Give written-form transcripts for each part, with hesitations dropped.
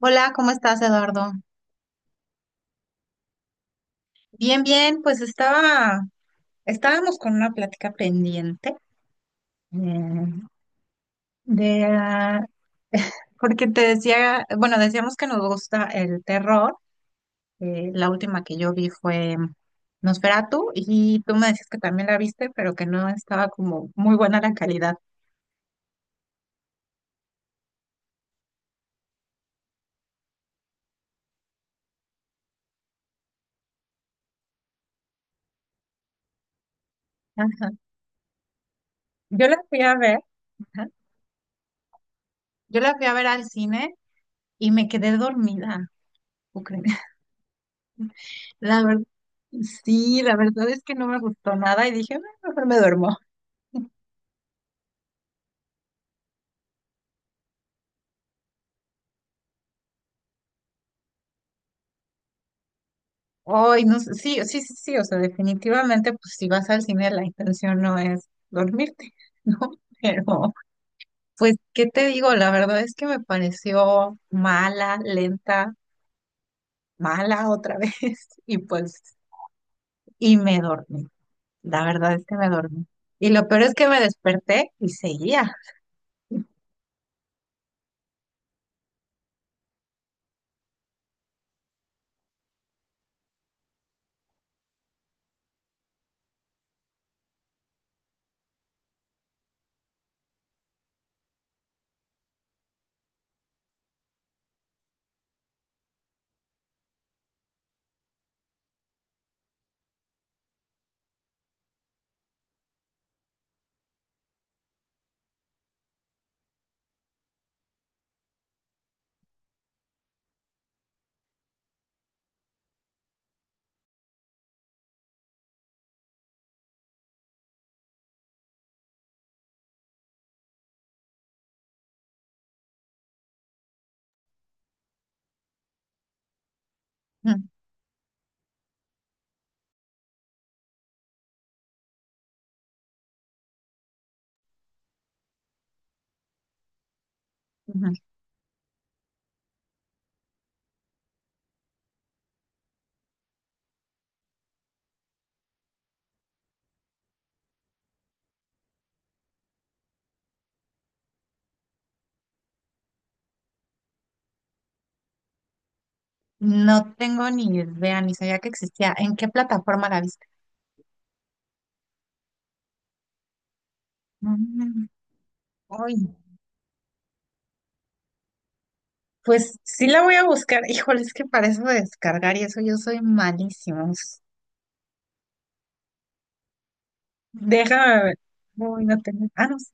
Hola, ¿cómo estás, Eduardo? Bien, pues estábamos con una plática pendiente, eh, de, ah, porque te decía, bueno, decíamos que nos gusta el terror. La última que yo vi fue Nosferatu y tú me decías que también la viste, pero que no estaba como muy buena la calidad. Ajá. Yo la fui a ver, ajá, yo la fui a ver al cine y me quedé dormida. ¿Tú crees? La verdad, sí, la verdad es que no me gustó nada y dije, "Ah, mejor me duermo". Hoy, no sé, sí, o sea, definitivamente, pues si vas al cine, la intención no es dormirte, ¿no? Pero, pues, ¿qué te digo? La verdad es que me pareció mala, lenta, mala otra vez, y pues, y me dormí. La verdad es que me dormí. Y lo peor es que me desperté y seguía. Mm, ujú. No tengo ni idea, ni sabía que existía. ¿En qué plataforma la viste? Mm, Ay, no. Pues sí la voy a buscar. Híjole, es que para eso de descargar y eso yo soy malísimo. Déjame ver. Uy, no tengo. Ah, no, sí,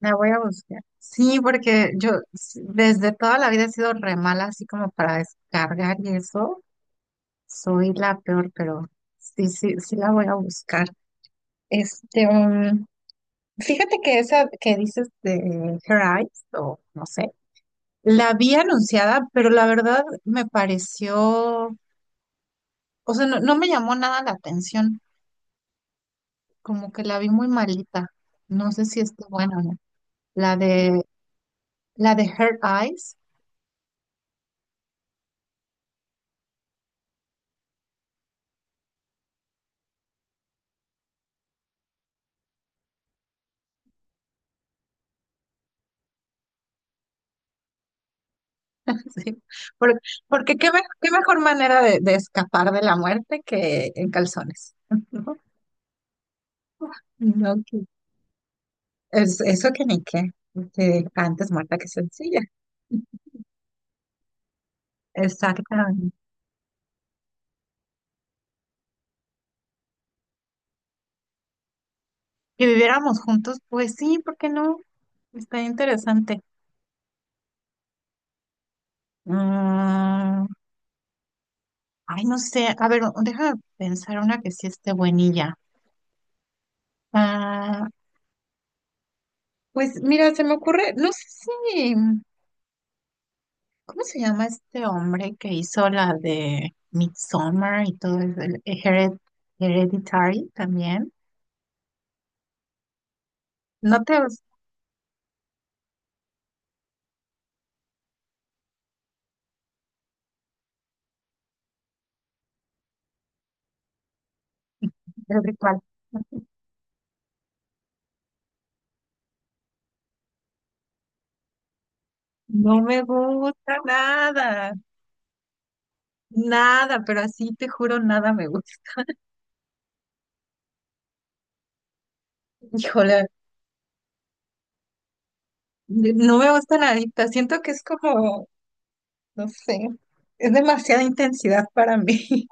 la voy a buscar. Sí, porque desde toda la vida he sido re mala, así como para descargar y eso. Soy la peor, pero sí la voy a buscar. Este, um, Fíjate que esa que dices de Her Eyes, o no sé, la vi anunciada, pero la verdad me pareció, o sea, no me llamó nada la atención. Como que la vi muy malita. No sé si esté buena o no. La de, la de Her Eyes. Sí. Por- Porque, qué, qué mejor manera de escapar de la muerte que en calzones. No, No, que- Es, eso que ni qué. Que antes muerta que sencilla. Exactamente. Que viviéramos juntos, pues sí, ¿por qué no? Está interesante. Mm, ay, no sé. A ver, déjame pensar una que sí esté buenilla. Ah, pues mira, se me ocurre, no sé si, ¿cómo se llama este hombre que hizo la de Midsommar y todo el Hereditary también? No te el cuál. No me gusta nada, nada, pero así te juro, nada me gusta. Híjole, no me gusta nadita. Siento que es como, no sé, es demasiada intensidad para mí.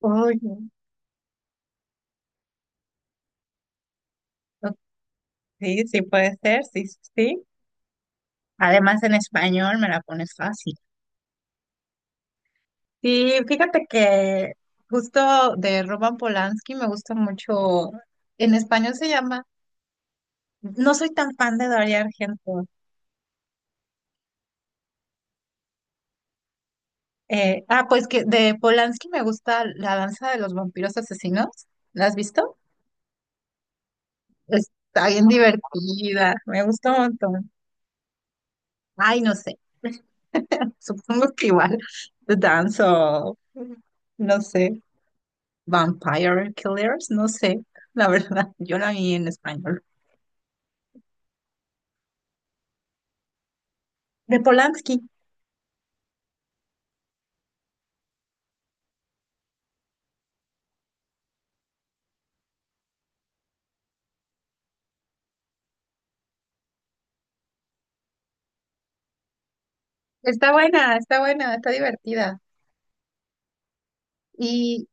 Oye, sí, sí puede ser, sí. Además, en español me la pones fácil. Sí, fíjate que justo de Roman Polanski me gusta mucho, en español se llama, no soy tan fan de Darío Argento. Pues que de Polanski me gusta La danza de los vampiros asesinos. ¿La has visto? Está bien divertida, me gusta un montón. Ay, no sé, supongo que igual danzo, no sé, Vampire Killers, no sé, la verdad, yo la vi en español. De Polanski. Está buena, está buena, está divertida. Y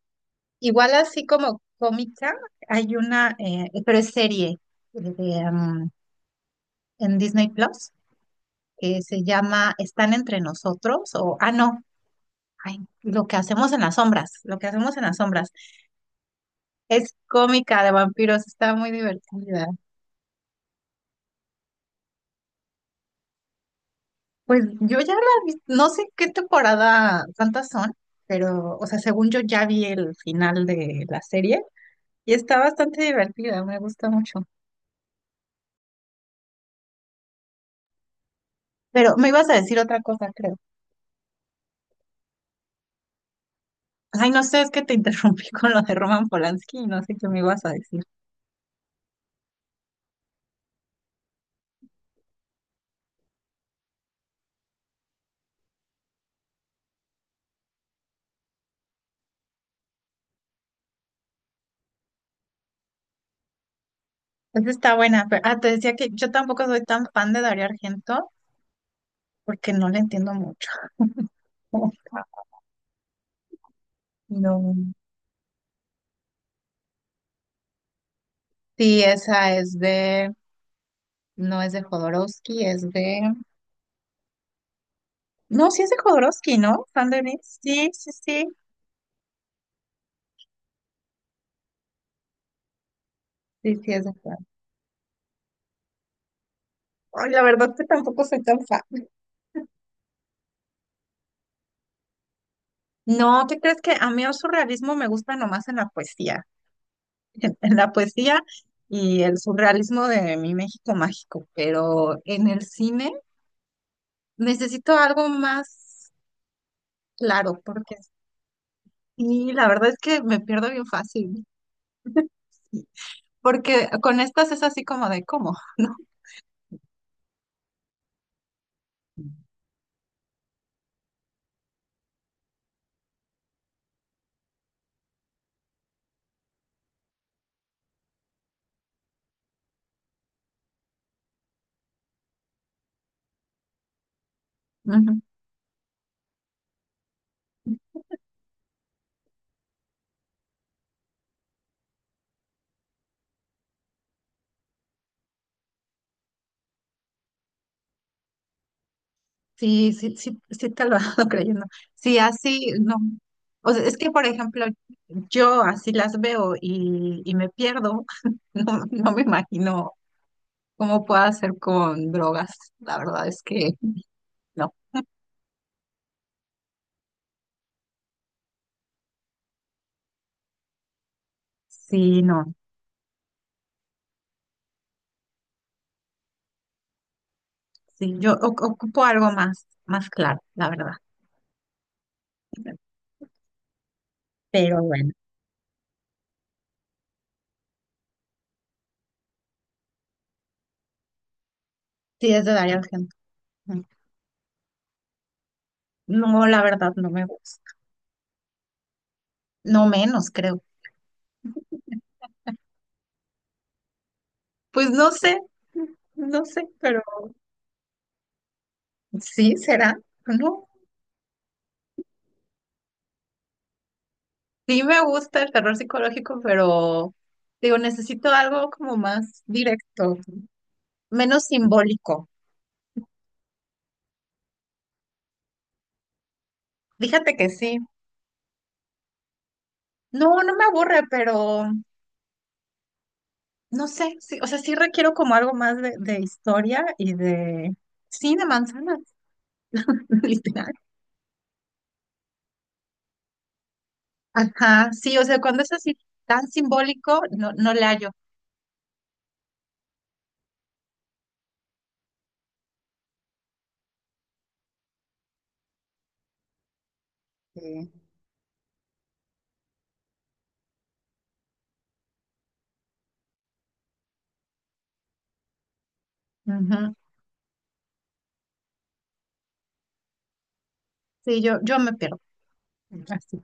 igual así como cómica, hay una, pero es serie eh, de, um, en Disney Plus que se llama Están entre nosotros o, ah, no, ay, lo que hacemos en las sombras, lo que hacemos en las sombras. Es cómica de vampiros, está muy divertida. Pues yo ya la vi, no sé qué temporada, cuántas son, pero, o sea, según yo ya vi el final de la serie. Y está bastante divertida, me gusta mucho. Pero me ibas a decir otra cosa, creo. Ay, no sé, es que te interrumpí con lo de Roman Polanski, no sé qué me ibas a decir. Esa está buena, pero te decía que yo tampoco soy tan fan de Dario Argento porque no le entiendo mucho. No. Sí, esa es de, no es de Jodorowsky, no, sí es de Jodorowsky, ¿no? Fan de mí. Sí, sí, sí. Sí, sí, es de. Ay, la verdad que tampoco soy tan fan. No, ¿qué crees que a mí el surrealismo me gusta nomás en la poesía? En la poesía y el surrealismo de mi México mágico, pero en el cine necesito algo más claro, porque sí, la verdad es que me pierdo bien fácil. Porque con estas es así como de cómo, ¿no? Ujú. Sí te lo ando creyendo. Sí, así, no. O sea, es que, por ejemplo, yo así las veo y me pierdo. No, no me imagino cómo pueda hacer con drogas. La verdad es que no. Sí, no. Sí, ocupo algo más, más claro, la verdad. Pero bueno, sí es de Darío gente. No, la verdad no me gusta. No menos, creo. Pues no sé, no sé, pero sí será. No. Sí me gusta el terror psicológico, pero digo, necesito algo como más directo, menos simbólico. Fíjate que sí. No, no me aburre, pero no sé, sí, o sea, sí requiero como algo más de historia y de, sí, de manzanas, literal. Ajá, sí, o sea, cuando es así tan simbólico, no, no le hallo. Sí. Ujú. Sí, yo me pierdo. Así.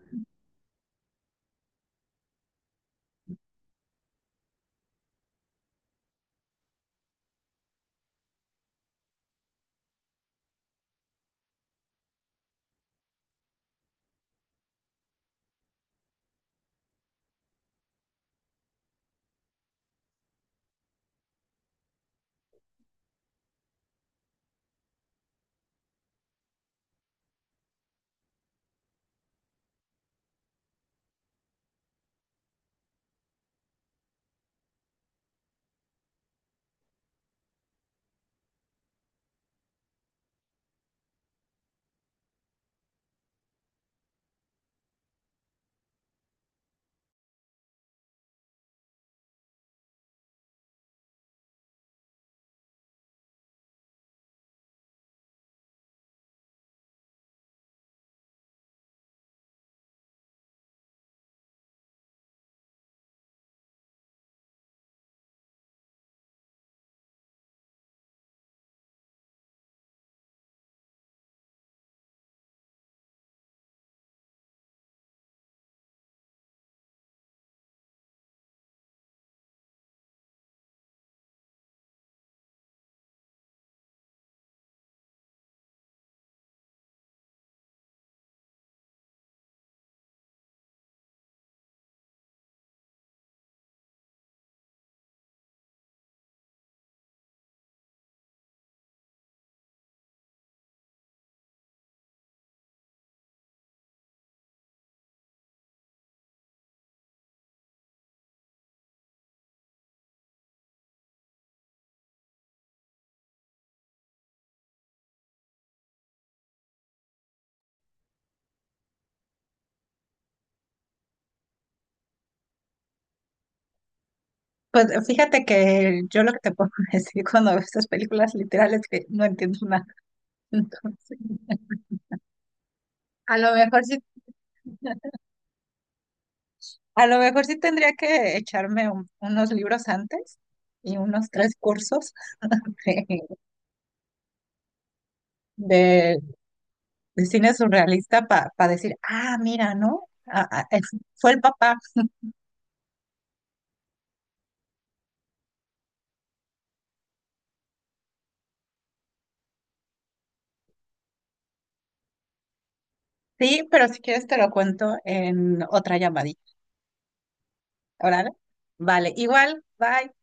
Pues fíjate que yo lo que te puedo decir cuando veo estas películas literales es que no entiendo nada. Entonces, a lo mejor sí, a lo mejor sí tendría que echarme unos libros antes y unos tres cursos de, de- de cine surrealista para decir, ah, mira, ¿no? Fue el papá. Sí, pero si quieres te lo cuento en otra llamadita. Órale. Vale, igual, bye.